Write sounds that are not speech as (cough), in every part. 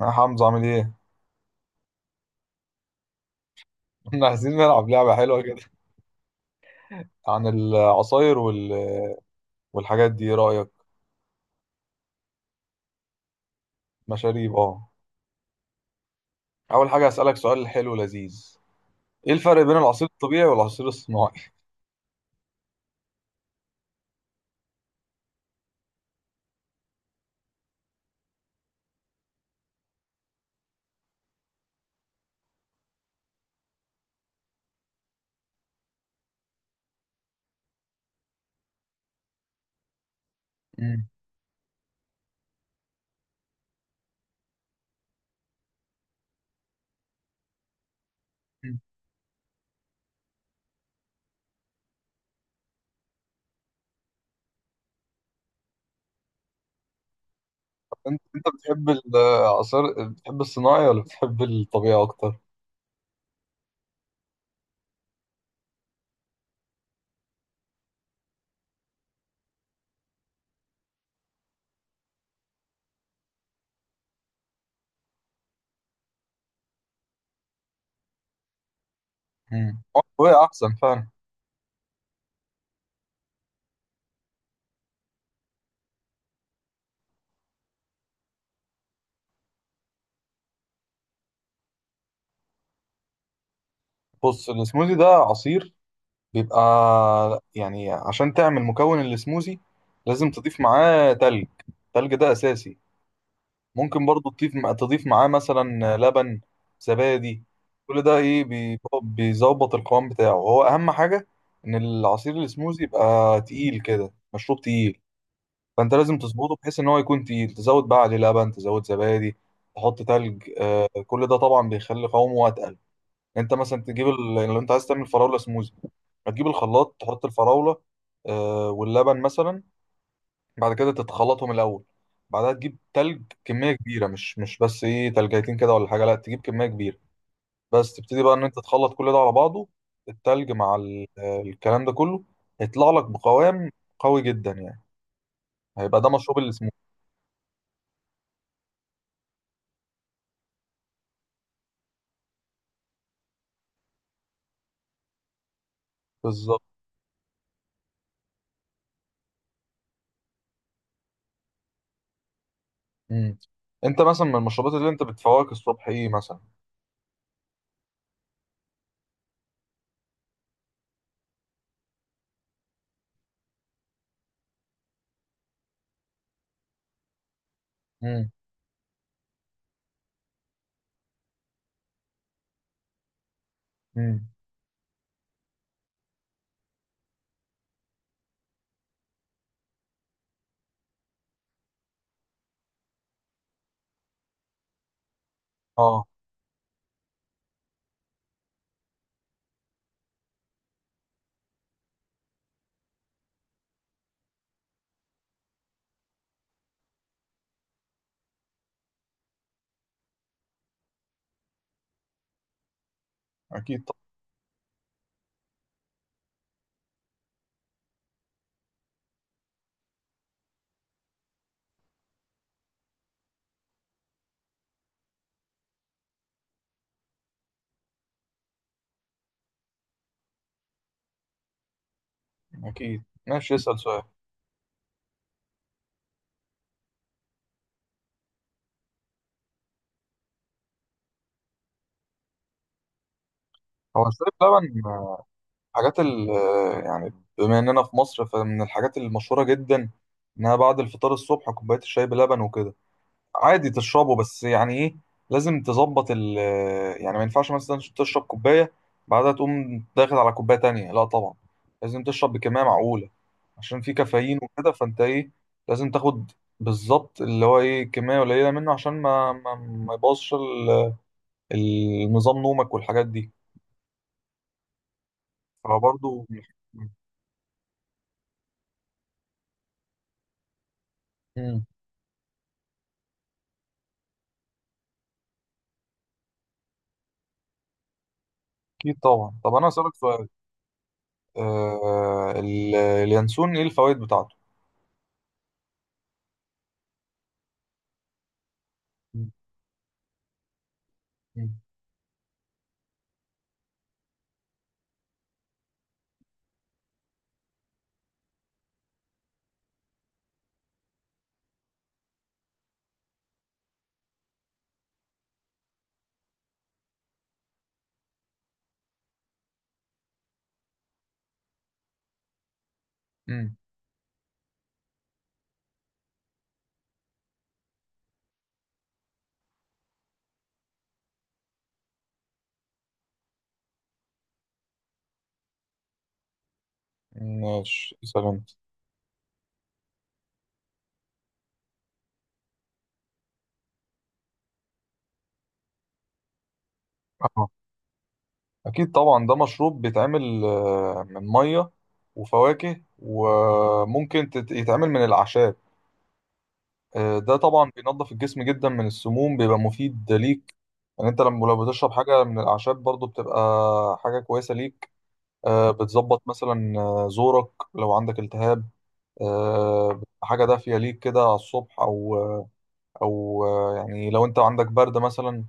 يا حمزة، عامل ايه؟ (laughs) احنا عايزين نلعب لعبة حلوة كده عن العصاير والحاجات دي، ايه رأيك؟ مشاريب، اه. أول حاجة هسألك سؤال حلو لذيذ: ايه الفرق بين العصير الطبيعي والعصير الصناعي؟ مم. انت بتحب العصير، بتحب الصناعي ولا بتحب الطبيعي أكتر؟ مم. هو الطبيعي أحسن فعلا. بص، السموزي ده عصير بيبقى يعني. عشان تعمل مكون السموزي لازم تضيف معاه تلج، التلج ده أساسي. ممكن برضو تضيف معاه مثلا لبن، زبادي. كل ده بيظبط القوام بتاعه، هو اهم حاجه ان العصير السموزي يبقى تقيل، كده مشروب تقيل. فانت لازم تظبطه بحيث ان هو يكون تقيل، تزود بقى عليه لبن، تزود زبادي، تحط تلج. كل ده طبعا بيخلي قوامه اتقل. انت مثلا تجيب لو انت عايز تعمل فراوله سموزي، هتجيب الخلاط، تحط الفراوله واللبن مثلا. بعد كده تتخلطهم الاول. بعدها تجيب تلج كميه كبيره، مش بس ايه تلجيتين كده ولا حاجه، لا، تجيب كميه كبيره. بس تبتدي بقى ان انت تخلط كل ده على بعضه. التلج مع الكلام ده كله هيطلع لك بقوام قوي جدا يعني. هيبقى ده مشروب السموذي. بالظبط. مم. انت مثلا من المشروبات اللي انت بتفوقك الصبح ايه مثلا؟ امم، امم. اه. اكيد طبعا. اكيد، ماشي، اسال سؤال. هو شرب لبن، حاجات ال... يعني بما اننا في مصر فمن الحاجات المشهورة جدا انها بعد الفطار الصبح كوباية الشاي بلبن وكده. عادي تشربه، بس يعني ايه لازم تظبط ال... يعني ما ينفعش مثلا تشرب كوباية بعدها تقوم داخل على كوباية تانية، لا طبعا، لازم تشرب بكمية معقولة عشان في كافيين وكده. فانت ايه، لازم تاخد بالظبط اللي هو ايه كمية قليلة منه عشان ما يبوظش النظام، نومك والحاجات دي. فبرضه اكيد طبعا. طب انا اسالك سؤال، اليانسون ايه الفوائد بتاعته؟ امم. ماشي، اسال انت. اه، اكيد طبعا، ده مشروب بيتعمل من ميه وفواكه، وممكن يتعمل من الاعشاب. ده طبعا بينظف الجسم جدا من السموم، بيبقى مفيد ليك. يعني انت لما لو بتشرب حاجه من الاعشاب برضو بتبقى حاجه كويسه ليك. بتظبط مثلا زورك لو عندك التهاب. بتبقى حاجة دافية ليك كده على الصبح، أو أو يعني لو أنت عندك برد مثلا.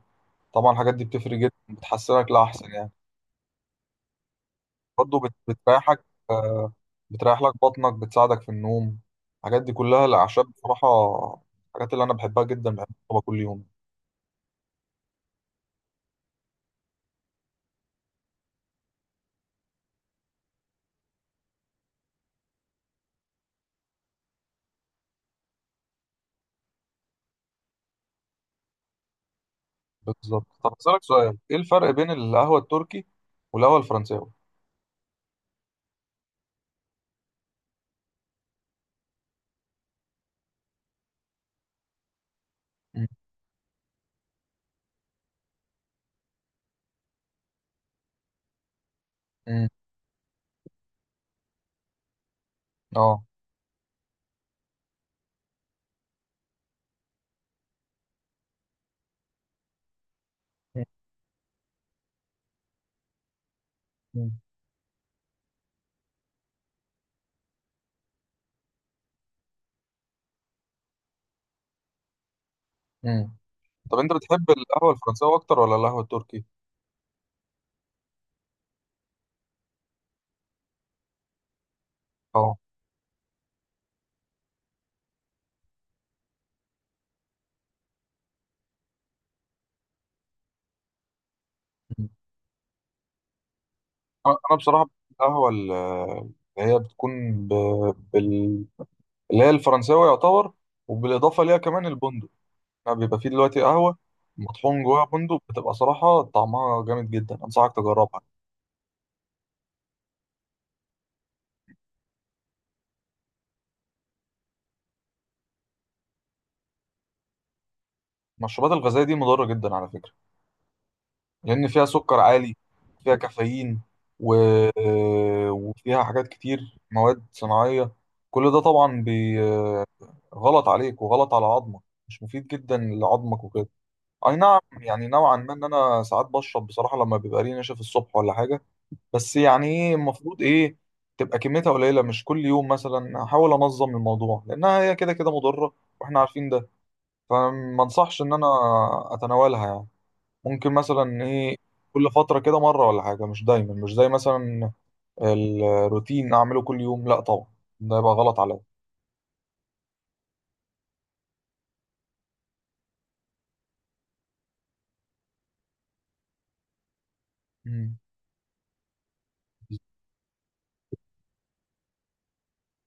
طبعا الحاجات دي بتفرق جدا، بتحسنك لأحسن يعني. برضه بتريحك، آه، بتريح لك بطنك، بتساعدك في النوم. الحاجات دي كلها الأعشاب بصراحة، الحاجات اللي أنا بحبها جدا بحب أشربها كل يوم. بالظبط. طب أسألك سؤال، إيه الفرق بين القهوة التركي والقهوة الفرنساوي؟ مم. مم. آه. مم. مم. طب أنت بتحب القهوة الفرنساوي أكتر ولا القهوة التركي؟ آه. انا بصراحه القهوه اللي هي بتكون ب... بال... اللي هي الفرنساوي يعتبر، وبالاضافه ليها كمان البندق. يعني بيبقى فيه دلوقتي قهوه مطحون جواها بندق، بتبقى صراحه طعمها جامد جدا، انصحك تجربها. المشروبات الغازيه دي مضره جدا على فكره، لان فيها سكر عالي، فيها كافيين و... وفيها حاجات كتير، مواد صناعيه. كل ده طبعا غلط عليك وغلط على عظمك، مش مفيد جدا لعظمك وكده. اي نعم، يعني نوعا ما ان انا ساعات بشرب بصراحه لما بيبقى لي نشف الصبح ولا حاجه. بس يعني ايه، المفروض ايه تبقى كميتها قليله، مش كل يوم، مثلا احاول انظم الموضوع، لانها هي كده كده مضره، واحنا عارفين ده. فما انصحش ان انا اتناولها يعني. ممكن مثلا ايه كل فتره كده مره ولا حاجه، مش دايما، مش زي مثلا الروتين اعمله كل يوم، لا طبعا، ده يبقى غلط عليا. مم.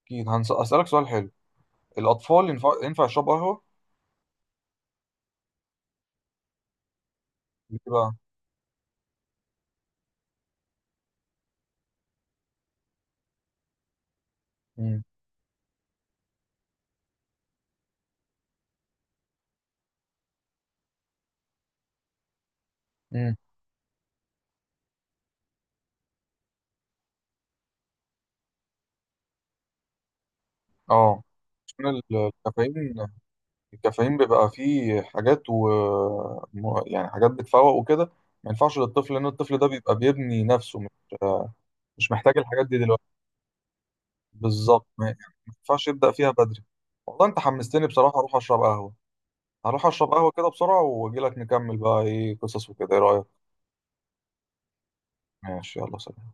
اكيد، هسالك سؤال حلو: الاطفال ينفع يشربوا قهوه؟ ليه بقى؟ مم. مم. اه. ال- الكافيين الكافيين بيبقى فيه حاجات و... يعني حاجات بتفوق وكده، ما ينفعش للطفل، لان الطفل ده بيبقى بيبني نفسه، مش محتاج الحاجات دي دلوقتي. بالظبط، ما يعني ما ينفعش يبدأ فيها بدري. والله انت حمستني بصراحة، اروح اشرب قهوة. هروح اشرب قهوة كده بسرعة واجي لك نكمل بقى ايه قصص وكده، ايه رأيك؟ ماشي، يلا، سلام.